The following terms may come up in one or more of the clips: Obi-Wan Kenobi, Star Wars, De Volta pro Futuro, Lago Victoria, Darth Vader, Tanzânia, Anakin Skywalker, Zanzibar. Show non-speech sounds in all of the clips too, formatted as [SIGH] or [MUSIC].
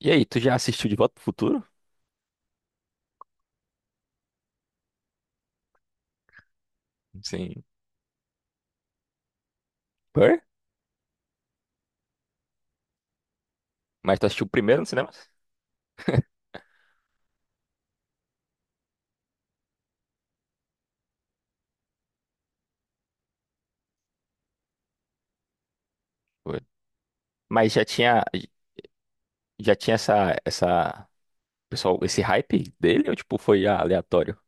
E aí, tu já assistiu De Volta pro Futuro? Sim. Por? Mas tu assistiu primeiro no cinema? Foi. Mas já tinha pessoal, esse hype dele ou tipo foi aleatório?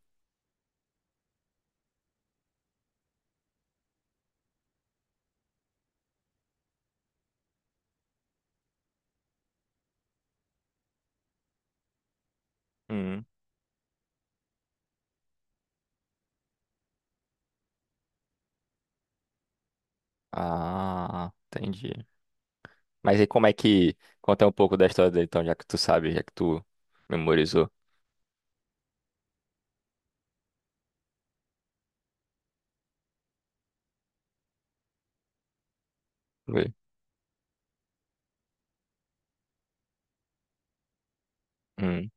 Hum. Ah, entendi. Mas aí como é que conta um pouco da história dele, então, já que tu sabe, já que tu memorizou? Foi. Hum.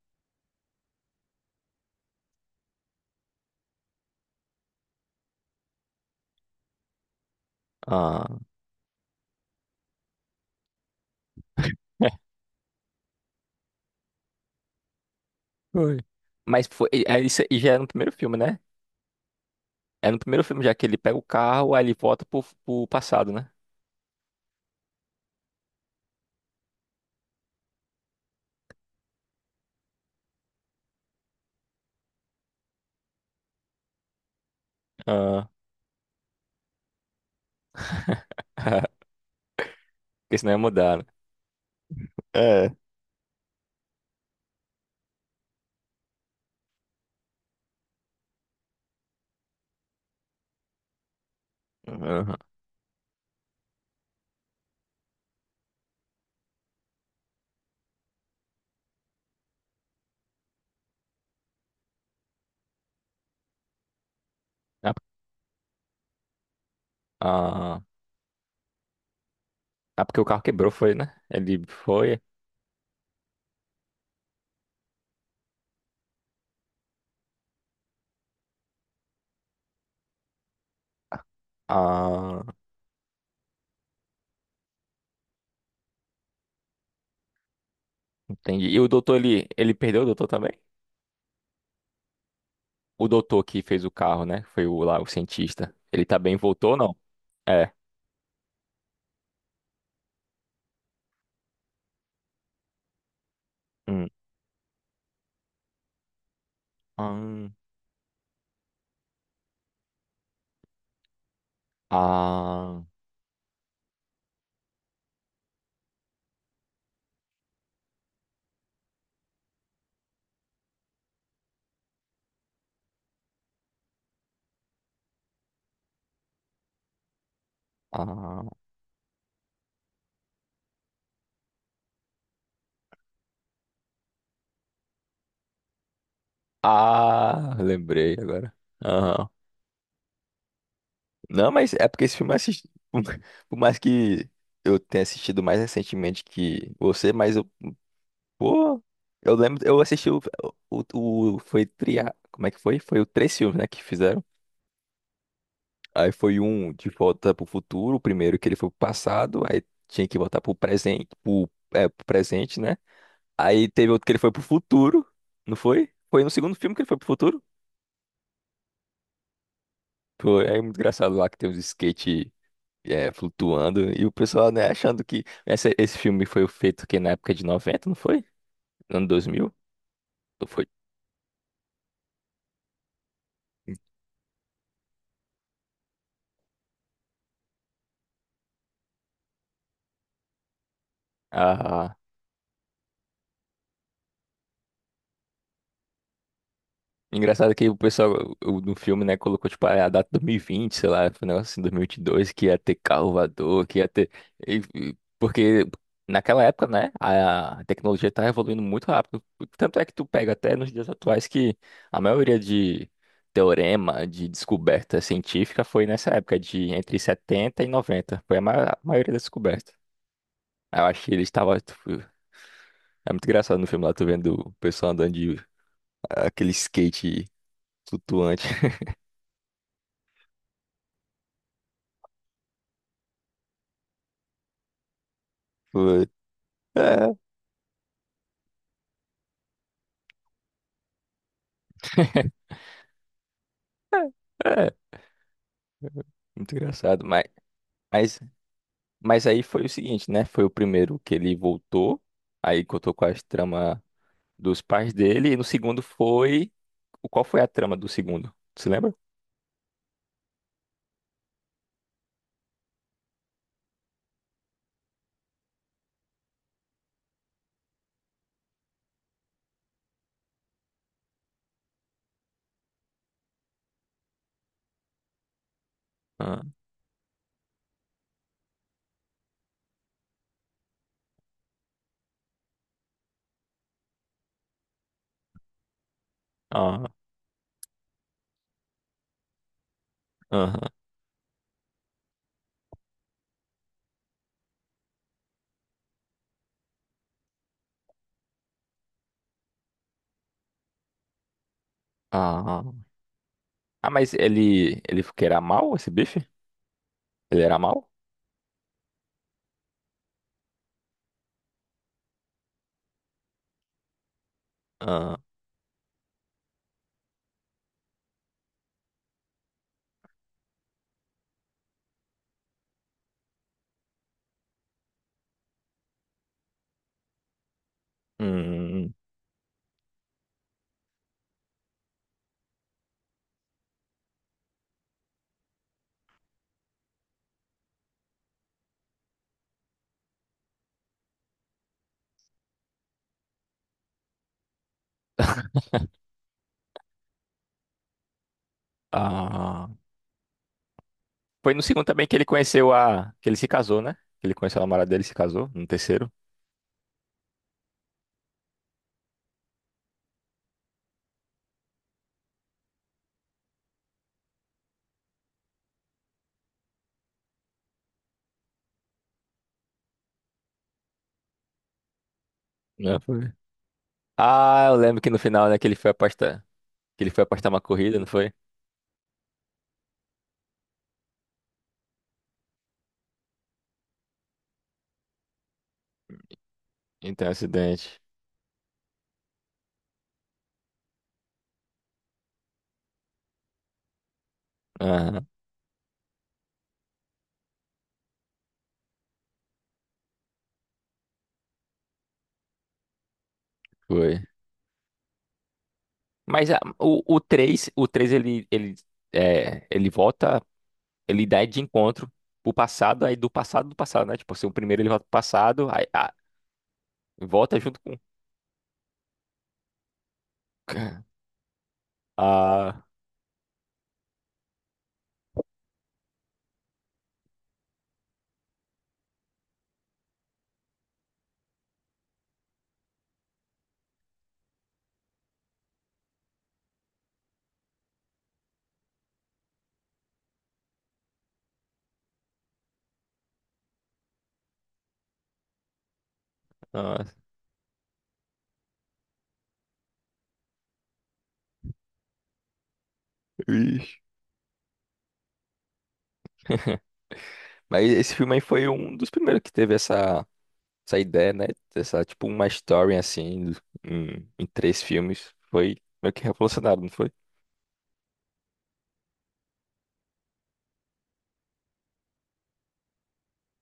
Ah. [LAUGHS] Foi. Mas foi, é, isso aí já é no primeiro filme, né? É no primeiro filme já que ele pega o carro, aí ele volta pro passado, né? Ah, [LAUGHS] porque senão ia mudar, né? É. Uhum. Ah, ah, ah, porque o carro quebrou, foi, né? Ele foi. Ah, entendi. E o doutor, ele perdeu o doutor também? O doutor que fez o carro, né? Foi o lá, o cientista. Ele tá bem, voltou ou não? É. Hum. Ah, ah, ah, ah, lembrei agora. Não, mas é porque esse filme eu assisti. [LAUGHS] Por mais que eu tenha assistido mais recentemente que você, mas eu. Pô, eu lembro. Eu assisti foi tria. Como é que foi? Foi o três filmes, né, que fizeram. Aí foi um de volta pro futuro, o primeiro que ele foi pro passado, aí tinha que voltar pro presente, pro presente, né? Aí teve outro que ele foi pro futuro, não foi? Foi no segundo filme que ele foi pro futuro? Foi, é muito engraçado lá que tem uns skate. É, flutuando, e o pessoal, né, achando que esse filme foi feito que na época de 90, não foi? Ano 2000? Ou foi? Ah, engraçado que o pessoal no filme, né, colocou, tipo, a data 2020, sei lá, foi um negócio assim, 2022, que ia ter carro voador, que ia ter. Porque naquela época, né, a tecnologia tá evoluindo muito rápido. Tanto é que tu pega até nos dias atuais que a maioria de teorema, de descoberta científica foi nessa época, de entre 70 e 90. Foi a a maioria das descobertas. Eu acho que ele estava. É muito engraçado no filme lá, tu vendo o pessoal andando de aquele skate flutuante. [LAUGHS] É, é, é, muito engraçado. Mas, mas, aí foi o seguinte, né? Foi o primeiro que ele voltou, aí contou com as tramas dos pais dele, e no segundo foi. Qual foi a trama do segundo? Você lembra? Ah, ah, aham, ah, mas ele que era mal, esse bife? Ele era mal? Ah, hum, ah. Foi no segundo também que ele conheceu a. Que ele se casou, né? Que ele conheceu a namorada dele e se casou, no terceiro. Né? Foi. Ah, eu lembro que no final, né, que ele foi afastado. Que ele foi apostar uma corrida, não foi? Então, acidente. Aham, foi. Mas o 3, o três, ele volta, ele dá de encontro pro passado, aí do passado, né? Tipo assim, o primeiro ele volta pro passado, aí volta junto com. [CLEARS THROAT] [LAUGHS] Ah, ah, ixi. Mas esse filme aí foi um dos primeiros que teve essa ideia, né? Essa, tipo, uma story assim, em três filmes. Foi meio que revolucionário, não foi?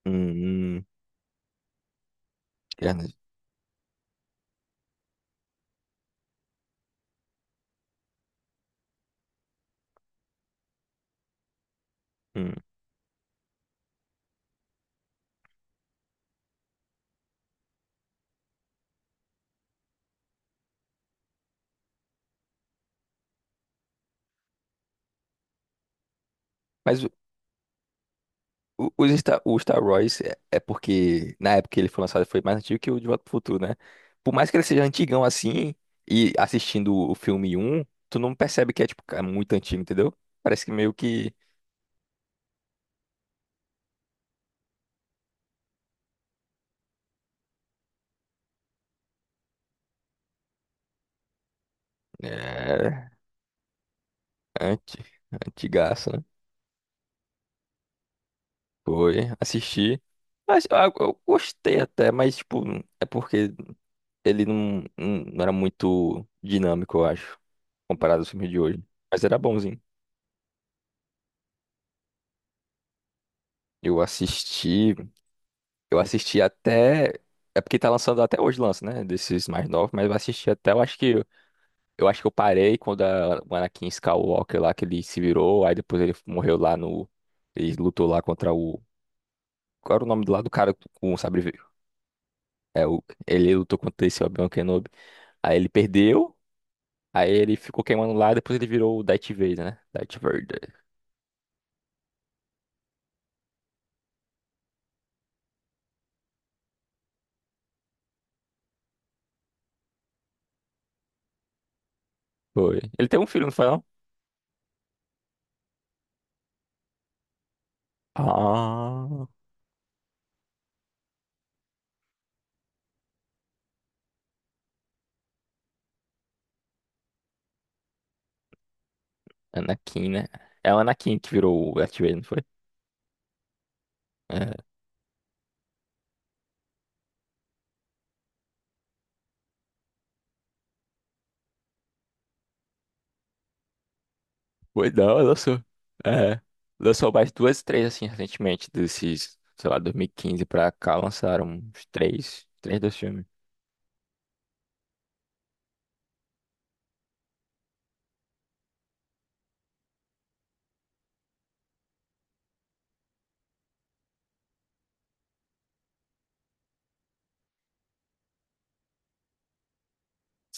Hum, hum, Ernest, hum. Mas o Star Wars é porque na época que ele foi lançado ele foi mais antigo que o De Volta pro Futuro, né? Por mais que ele seja antigão assim, e assistindo o filme um, tu não percebe que é tipo cara, muito antigo, entendeu? Parece que meio que é anti, antigaço, né? Foi, assisti. Mas eu gostei até, mas tipo, é porque ele não era muito dinâmico, eu acho, comparado aos filmes de hoje. Mas era bonzinho. Eu assisti. Eu assisti até. É porque tá lançando até hoje, lança, né? Desses mais novos, mas eu assisti até. Eu acho que eu parei quando o Anakin Skywalker lá que ele se virou, aí depois ele morreu lá no. Ele lutou lá contra o. Qual era o nome do lado do cara com o sabre verde? É, ele lutou contra esse Obi-Wan Kenobi. Aí ele perdeu, aí ele ficou queimando lá, depois ele virou o Darth Vader, né? Darth Vader. Foi. Ele tem um filho, não foi não? Ah, Anakin, né? É o Anakin que virou o Darth Vader, não foi? É. Foi não, lançou. É. Lançou mais duas, três, assim, recentemente, desses, sei lá, 2015 pra cá, lançaram uns três dos filmes.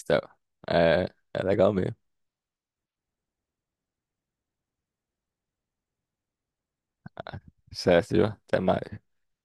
Então, é, é, legal mesmo. Certo, viu? Até mais.